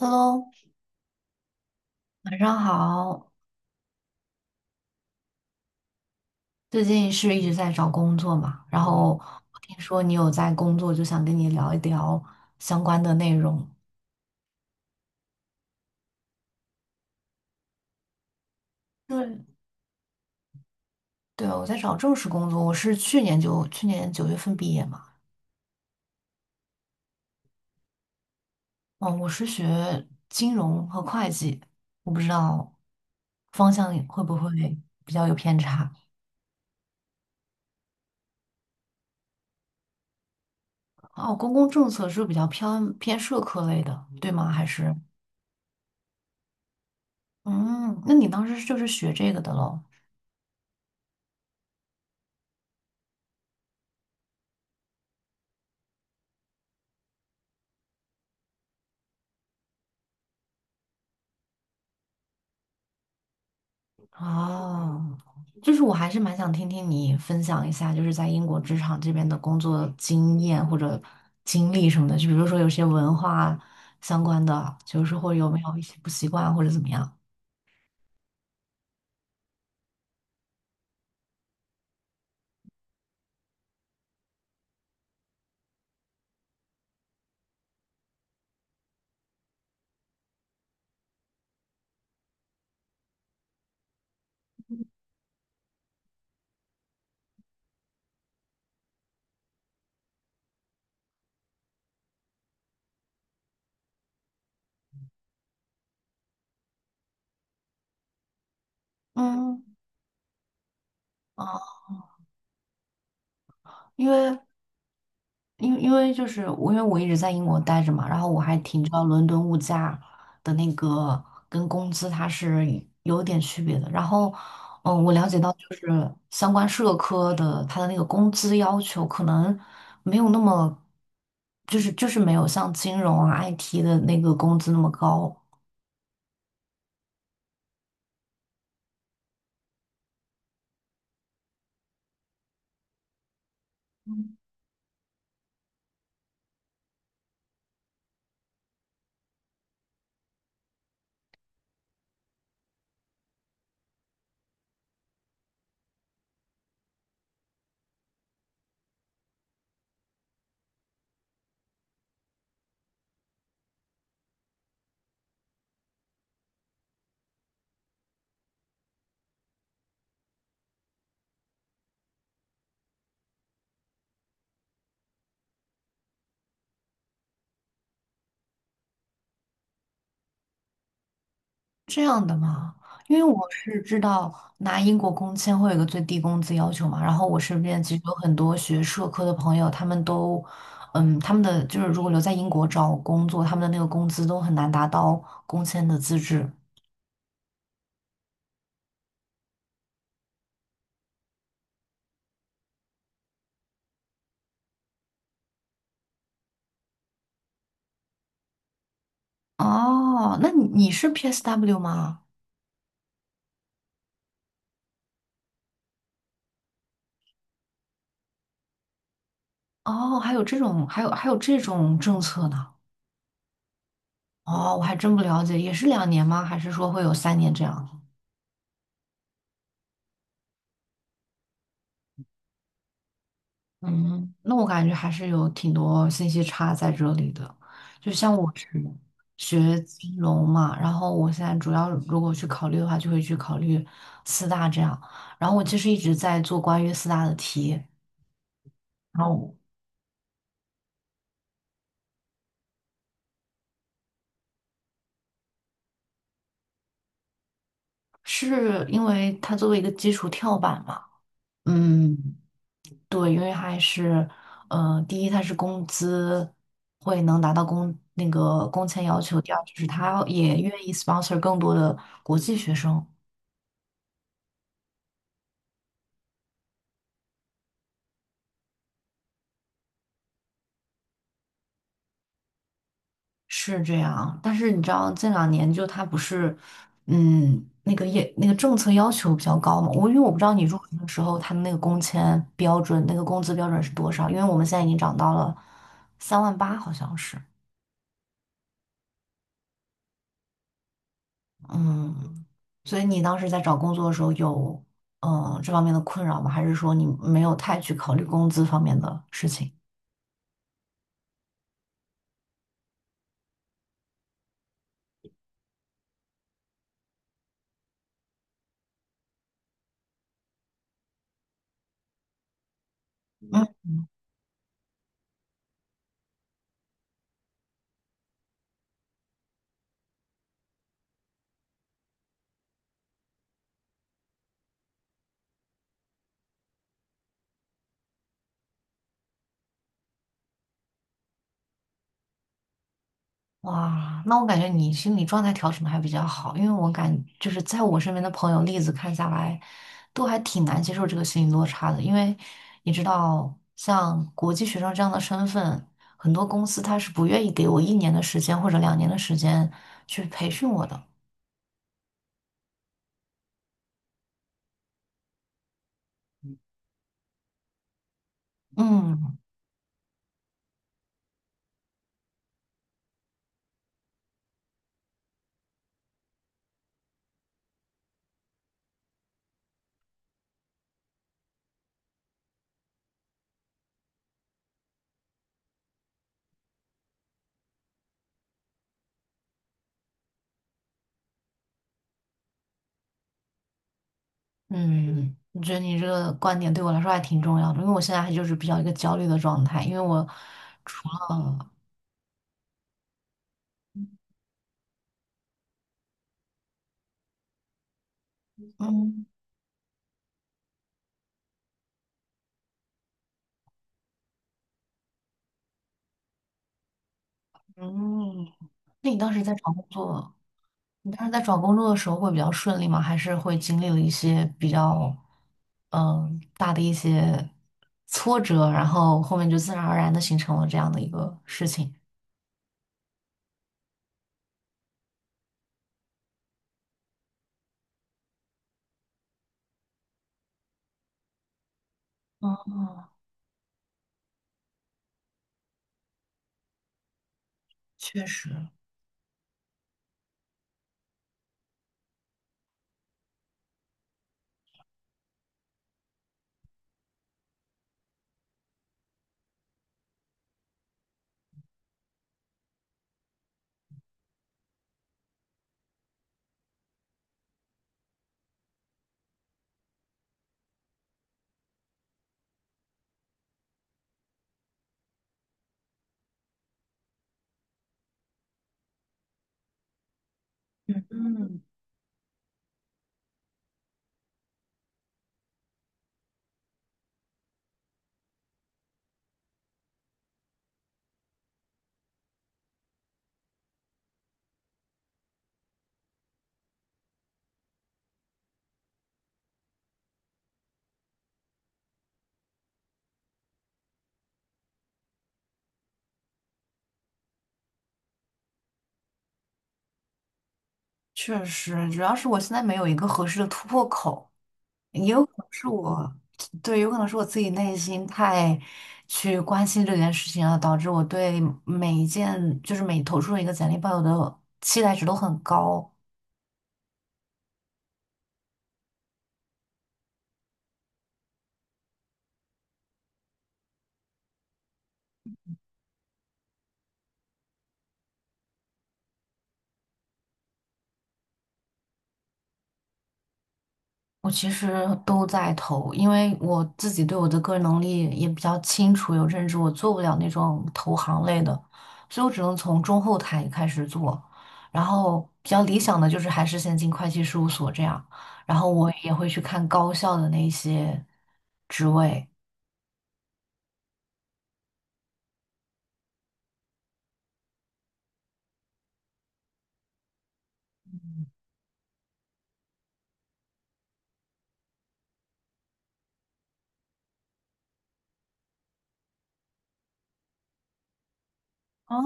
Hello，晚上好。最近是一直在找工作嘛，然后我听说你有在工作，就想跟你聊一聊相关的内容。对，对，我在找正式工作，我是去年九月份毕业嘛。嗯，我是学金融和会计，我不知道方向会不会比较有偏差。哦，公共政策是比较偏社科类的，对吗？还是嗯，那你当时就是学这个的喽？哦，就是我还是蛮想听听你分享一下，就是在英国职场这边的工作经验或者经历什么的，就比如说有些文化相关的，就是或有没有一些不习惯或者怎么样。嗯，哦，因为因为我一直在英国待着嘛，然后我还挺知道伦敦物价的那个跟工资它是有点区别的。然后，我了解到就是相关社科的它的那个工资要求可能没有那么，就是没有像金融啊 IT 的那个工资那么高。这样的吗？因为我是知道拿英国工签会有一个最低工资要求嘛，然后我身边其实有很多学社科的朋友，他们的就是如果留在英国找工作，他们的那个工资都很难达到工签的资质。哦，那你是 PSW 吗？哦，还有这种政策呢？哦，我还真不了解，也是两年吗？还是说会有三年这样？嗯，那我感觉还是有挺多信息差在这里的。就像我是学金融嘛，然后我现在主要如果去考虑的话，就会去考虑四大这样。然后我其实一直在做关于四大的题，然后是因为它作为一个基础跳板嘛。嗯，对，因为还是，第一它是工资会能达到工那个工签要求，第二就是它也愿意 sponsor 更多的国际学生。是这样，但是你知道这两年就他不是，那个政策要求比较高嘛。因为我不知道你入职的时候他们那个工签标准，那个工资标准是多少，因为我们现在已经涨到了三万八，好像是。嗯，所以你当时在找工作的时候有这方面的困扰吗？还是说你没有太去考虑工资方面的事情？哇，那我感觉你心理状态调整的还比较好，因为就是在我身边的朋友例子看下来，都还挺难接受这个心理落差的，因为你知道，像国际学生这样的身份，很多公司他是不愿意给我一年的时间或者两年的时间去培训我的。嗯嗯，我觉得你这个观点对我来说还挺重要的，因为我现在还就是比较一个焦虑的状态。因为我除了嗯嗯，那你当时在找工作？你当时在找工作的时候会比较顺利吗？还是会经历了一些比较大的一些挫折，然后后面就自然而然的形成了这样的一个事情？哦，确实，嗯嗯，确实，主要是我现在没有一个合适的突破口，也有可能是我，对，有可能是我自己内心太去关心这件事情了，导致我对每一件就是每投出的一个简历抱有的期待值都很高。我其实都在投，因为我自己对我的个人能力也比较清楚，有认知，我做不了那种投行类的，所以我只能从中后台开始做。然后比较理想的就是还是先进会计事务所这样，然后我也会去看高校的那些职位。哦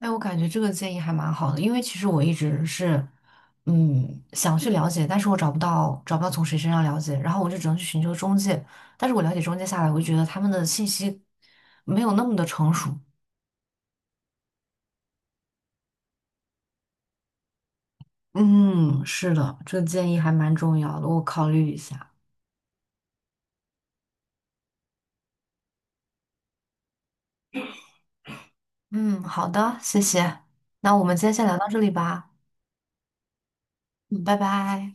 哎，我感觉这个建议还蛮好的，因为其实我一直是，想去了解，但是我找不到，找不到从谁身上了解，然后我就只能去寻求中介，但是我了解中介下来，我就觉得他们的信息没有那么的成熟。嗯，是的，这个建议还蛮重要的，我考虑一下。嗯，好的，谢谢。那我们今天先聊到这里吧。嗯，拜拜。